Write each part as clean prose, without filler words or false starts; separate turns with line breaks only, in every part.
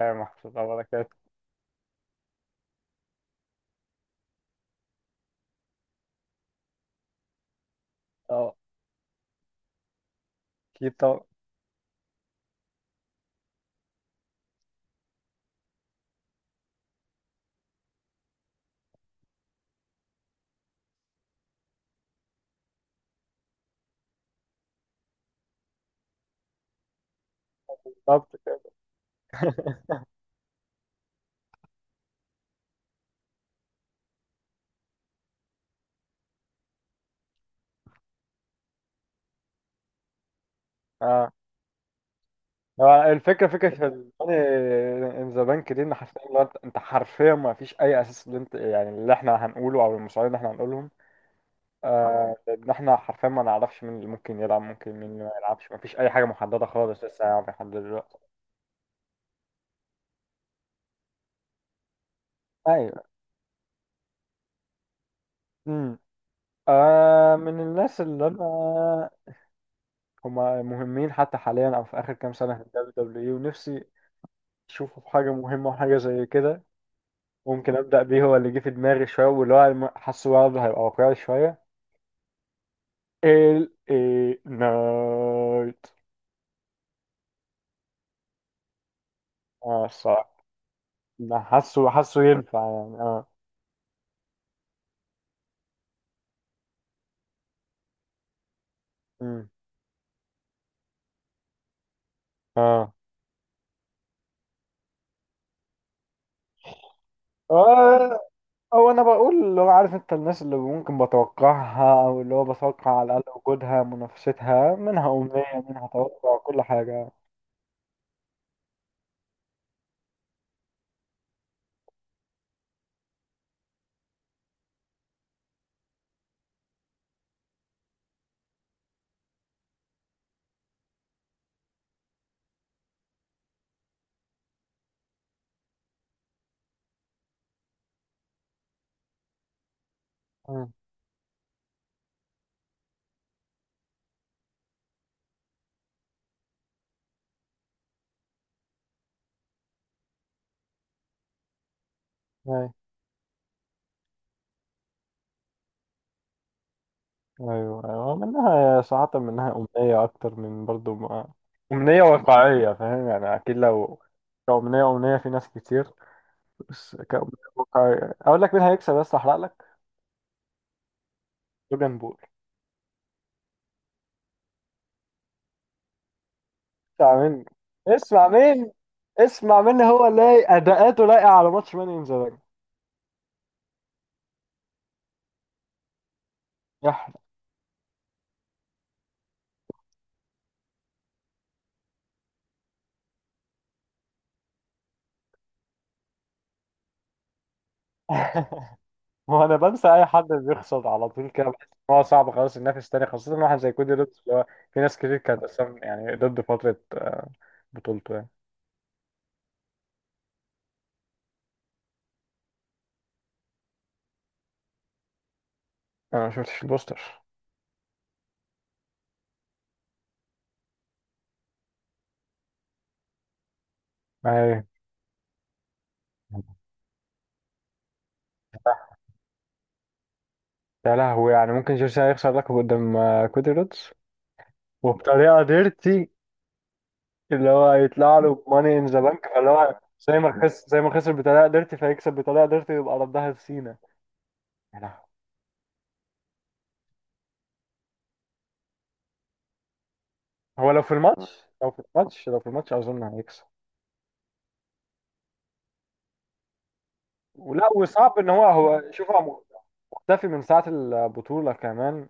هي محفوظ على بركات. اه اكيد طبعا. بالظبط. اه هو الفكره في الماني ان ذا بانك دي، ان حرفيا لو انت حرفيا ما فيش اي اساس اللي انت، يعني اللي احنا هنقوله او المصارين اللي احنا هنقولهم. ان احنا حرفيا ما نعرفش مين اللي ممكن يلعب، مين اللي ما يلعبش، ما فيش اي حاجه محدده خالص لسه، يعني لحد دلوقتي. ايوه. امم آه، من الناس اللي انا هما مهمين حتى حاليا او في اخر كام سنه في الدبليو دبليو اي ونفسي اشوفه في حاجه مهمه وحاجه زي كده، ممكن ابدا بيه، هو اللي جه في دماغي شويه واللي هو حاسه برضه هيبقى واقعي شويه، ال اي نايت. اه الصراحه أنا حاسه ينفع، أمم. اه آه، هو انا بقول اللي هو، عارف انت، الناس اللي ممكن بتوقعها او اللي هو بتوقع على الاقل وجودها منافستها، منها امنيه، منها توقع، كل حاجه. آه. ايوه ايوه، منها ساعات منها امنيه اكتر من برضو ما امنيه واقعيه، فاهم يعني؟ اكيد لو كأمنية، أمنية في ناس كتير، بس كأمنية واقعية أقول لك مين هيكسب بس أحرق لك. لوجان بول. اسمع مني اسمع مين اسمع مني، هو لايق، أداءاته لايقة على ماتش ماني إن ذا بانك. يح هو أنا بنسى أي حد بيخسر على طول كده، بحس إن هو صعب خلاص ينافس تاني، خاصة واحد زي كودي رودز اللي هو في ناس كتير كانت أصلا، يعني ضد فترة، بطولته يعني. أنا ما شفتش البوستر. أيوه. يا لهوي، يعني ممكن جيرسي هيخسر لقب قدام، كودي رودز، وبطريقة ديرتي، اللي هو هيطلع له ماني ان ذا بانك، فاللي هو زي ما خسر، بطريقة ديرتي فهيكسب بطريقة ديرتي ويبقى ردها في سينا. يا لهوي. هو لو في الماتش أظن هيكسب. ولا وصعب إن هو، شوف، هو مختفي من ساعة البطولة كمان،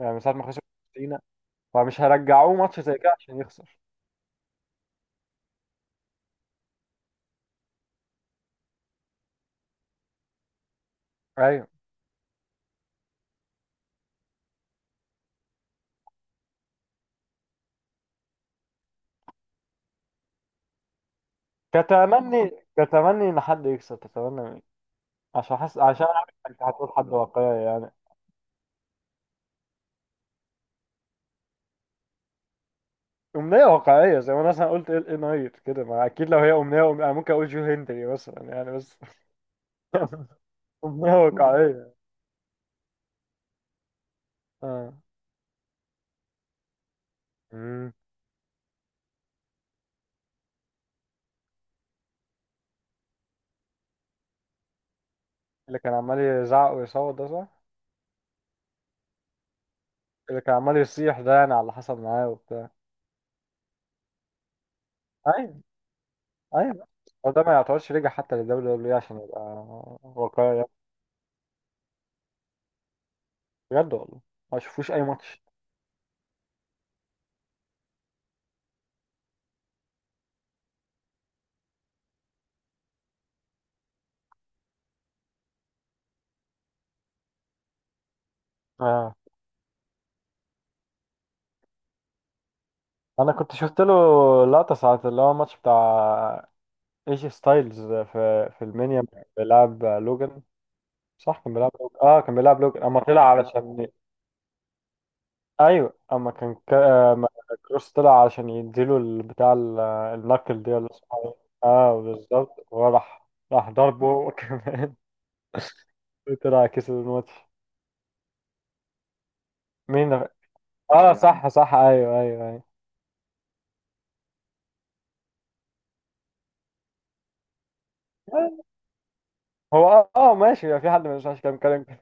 يعني من ساعة ما خسر سينا، فمش هيرجعوه ماتش زي كده عشان يخسر. أيوه. كتمني كتمني إن حد يكسب، تتمنى عشان حاسس، عشان عارف انت هتقول حد واقعي يعني. أمنية واقعية، زي ما أنا مثلا قلت إل إيه نايت كده. ما أكيد لو هي أمنية، أنا ممكن أقول جو هنري مثلا يعني، بس أمنية واقعية. آه. مم. اللي كان عمال يزعق ويصوت ده، صح؟ اللي كان عمال يصيح ده يعني، على حسب معاه وبتاع. أيوه. أيوه هو ده. ما يعتبرش رجع حتى للدبليو دبليو دبليو إي عشان يبقى واقعي يعني. بجد والله ما شفتوش أي ماتش. آه، أنا كنت شفت له لقطة ساعة، اللي هو الماتش بتاع ايجي ستايلز في في المنيا، بيلعب لوجان. صح كان بيلعب لوجان، اما طلع علشان ايوه، أما كروس طلع علشان يديله البتاع، النكل دي ولا اسمها ايه. اه بالظبط، راح ضربه هو كمان، طلع كسب الماتش. مين؟ اه، أيوة. صح صح، ايوه ايوه ايوه. هو اه، آه، ماشي، في حد ما ينفعش كلام،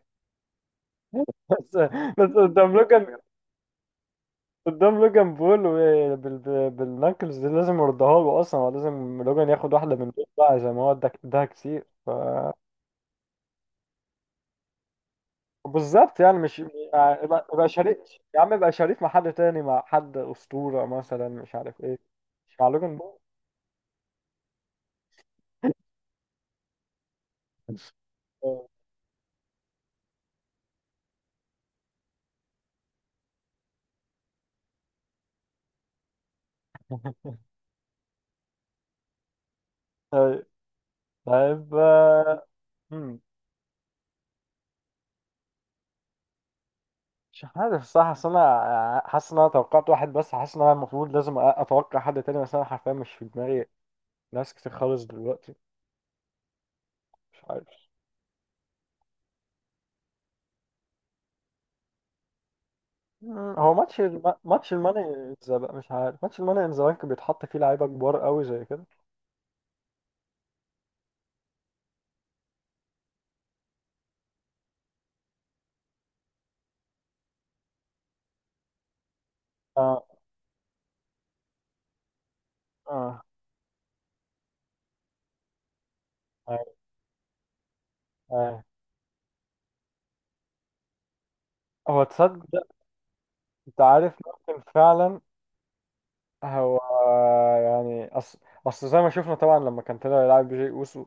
بس، بس قدام لوجان، قدام لوجان بول و- بال... بال- بالنكلز دي لازم يردها له، اصلا هو لازم لوجان ياخد واحده من دول بقى، زي ما هو اداك اداها كتير، ف بالظبط يعني، مش يعني يبقى شريك. يا عم يبقى شريك مع حد تاني، مع حد اسطوره مثلا، مش عارف ايه، مش مع لوجان بول. طيب. طيب آه، مم. مش عارف صح، اصل انا حاسس ان انا توقعت واحد، بس حاسس ان انا المفروض لازم اتوقع حد تاني، بس انا حرفيا مش في دماغي ناس كتير خالص دلوقتي، مش عارف. آه. هو ماتش ماتش الماني انزا بقى، مش عارف ماتش الماني ان ذا بانك بيتحط فيه لعيبه كبار قوي زي كده. اه اه. آه. آه. هو تصدق ده؟ انت عارف، ممكن فعلا هو، يعني اصل، زي ما شفنا طبعا لما كان طلع يلعب بجي اوسو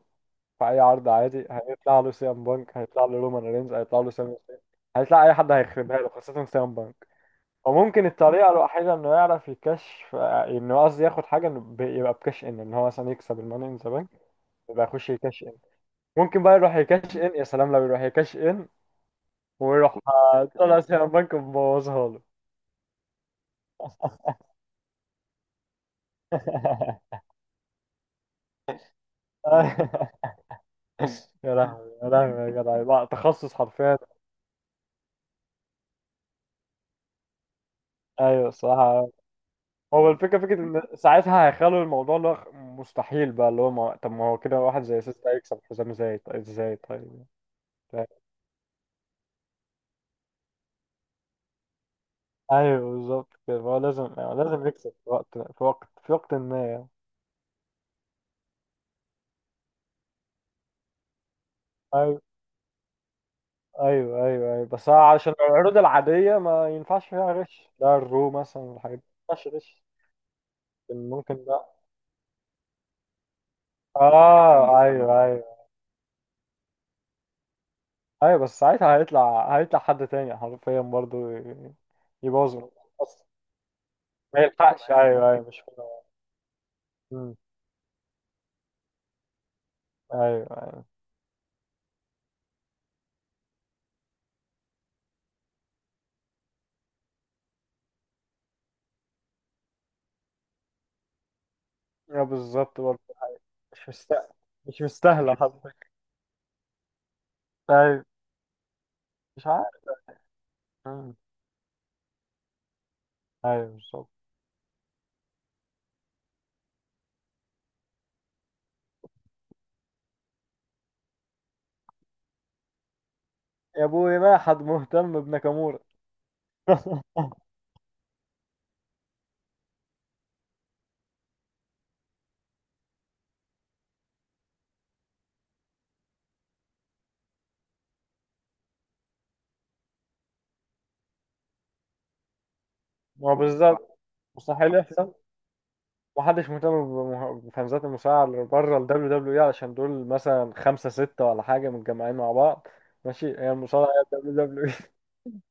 في اي عرض عادي، هيطلع له سيام بانك، هيطلع له رومان رينز، هيطلع له سامي زين، هيطلع اي حد هيخربها له، خاصه سيام بانك. وممكن الطريقه الوحيده انه يعرف يكشف، انه قصدي ياخد حاجه، انه يبقى بكاش ان، ان هو مثلا يكسب الماني ان ذا بانك يبقى يخش يكاش ان، ممكن بقى يروح يكاش ان. يا سلام لو يروح يكاش ان ويروح، طلع سهم بنك مبوظها له. يا لهوي، يا لهوي يا جدع، لا تخصص حرفيا. ايوه الصراحه، هو الفكره ان ساعتها هيخلوا الموضوع اللي هو مستحيل بقى، اللي هو ما... طب ما هو كده واحد زي سيستا هيكسب حزام زي، ازاي طيب؟ ايوه بالظبط كده، هو لازم يكسب في وقت، ما يعني. أيوة. ايوه ايوه ايوه، بس عشان العروض العاديه ما ينفعش فيها غش، لا الرو مثلا والحاجات دي ما ينفعش غش، لكن ممكن، لا اه ايوه ايوه ايوه، بس ساعتها هيطلع حد تاني حرفيا برضو يبوظ الموضوع اصلا. ما يلحقش، ايوه ايوه مش كده. أمم، ايوه ايوه. يا بالظبط برضو، مش مستاهله، مش مستاهله حرفيا. ايوه، مش عارف. أمم، ايوه بالظبط. يا ابوي ما حد مهتم بناكامورا. ما هو بالظبط، مستحيل يحصل. محدش مهتم بفانزات المصارعة اللي بره ال WWE، علشان دول مثلا خمسة ستة ولا حاجة متجمعين مع بعض. ماشي، هي المصارعة، هي ال WWE.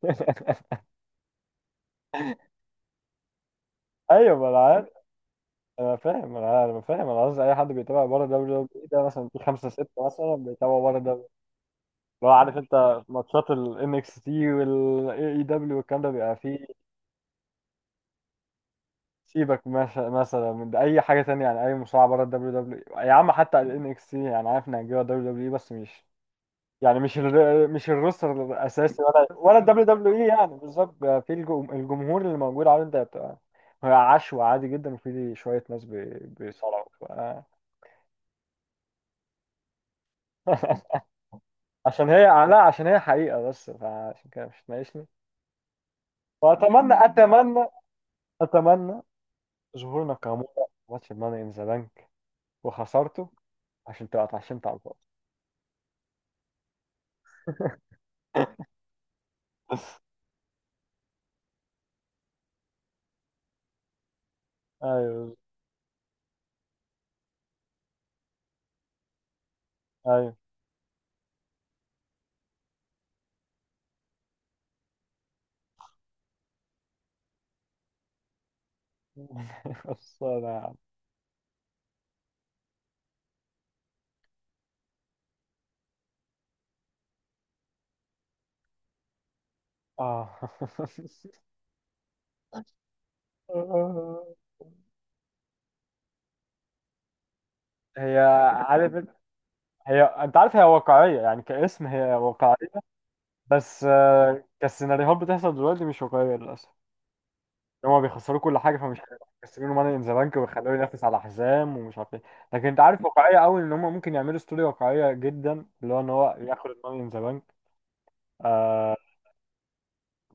أيوة ما أنا عارف، أنا فاهم أنا أنا فاهم، أنا قصدي أي حد بيتابع بره ال WWE ده، مثلا في خمسة ستة مثلا بيتابعوا بره ال WWE، لو عارف أنت ماتشات ال NXT وال AEW والكلام ده بيبقى فيه. سيبك مش- مثلا من أي حاجة تانية، يعني أي مصارعة بره ال WWE يا عم، حتى ال NXT يعني، عارف إنها هتجيبها ال WWE، بس مش يعني، مش الروستر الاساسي، ولا الدبليو دبليو اي يعني بالظبط بقى، في الجمهور اللي موجود، على انت بتبقى هي عشوة عادي جدا، وفي شوية ناس بيصارعوا ف عشان هي، لا عشان هي حقيقة، بس فعشان كده مش تناقشني. وأتمنى أتمنى أتمنى ظهور ناكامورا في ماتش ماني إن ذا بانك، وخسرته عشان تبقى اتعشمت على الفاضي. أيوه أيوه. خلصانة يا عم. آه. آه. هي، عارف انت- هي انت عارف، هي واقعية يعني كاسم، هي واقعية، بس آه، كالسيناريوهات بتحصل دلوقتي مش واقعية للأسف. هما بيخسروا كل حاجة، فمش هيبقوا مكسبينه ماني ان ذا بانك ويخلوه ينافس على حزام ومش عارف ايه. لكن انت عارف واقعية قوي ان هما ممكن يعملوا ستوري واقعية جدا، اللي هو ان هو ياخد الماني ان ذا بانك. آه،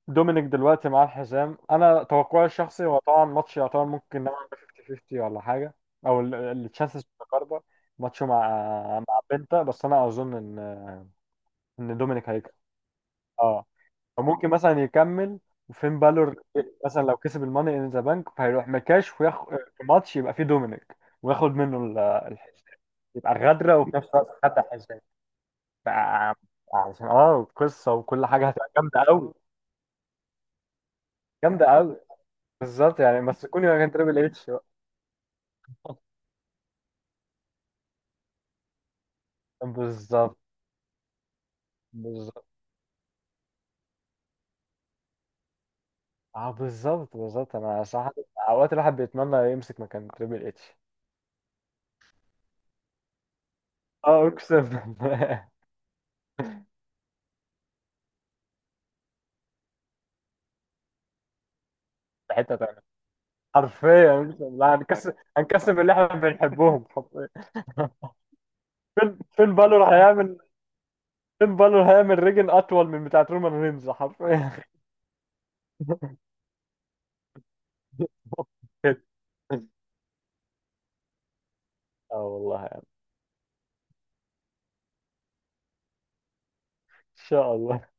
دومينيك دلوقتي مع الحزام، انا توقعي الشخصي هو طبعا، ماتش يعتبر ممكن نوعا ما 50 50 ولا حاجة، او التشانسز متقاربة، ماتشه مع بنتا، بس انا اظن ان دومينيك هيكسب. اه، فممكن مثلا يكمل، وفين بالور مثلا لو كسب الماني ان ذا بانك، فهيروح مكاش وياخد في ماتش يبقى فيه دومينيك، وياخد منه الحزام، يبقى غدرة وفي نفس الوقت خد الحزام، ف عشان اه القصة وكل حاجة هتبقى جامدة قوي، جامدة قوي. بالظبط، يعني مسكوني يا كان تريبل اتش بقى. بالظبط بالظبط، اه بالظبط بالظبط. انا صراحة اوقات الواحد بيتمنى يمسك مكان تريبل اتش. اه اقسم بالله. في حتة تانية، حرفيا لا، هنكسر اللي احنا بنحبهم حرفيا. فين بالور هيعمل، فين بالور هيعمل ريجن اطول من بتاعت رومان رينز حرفيا. اه والله يعني. ان شاء الله.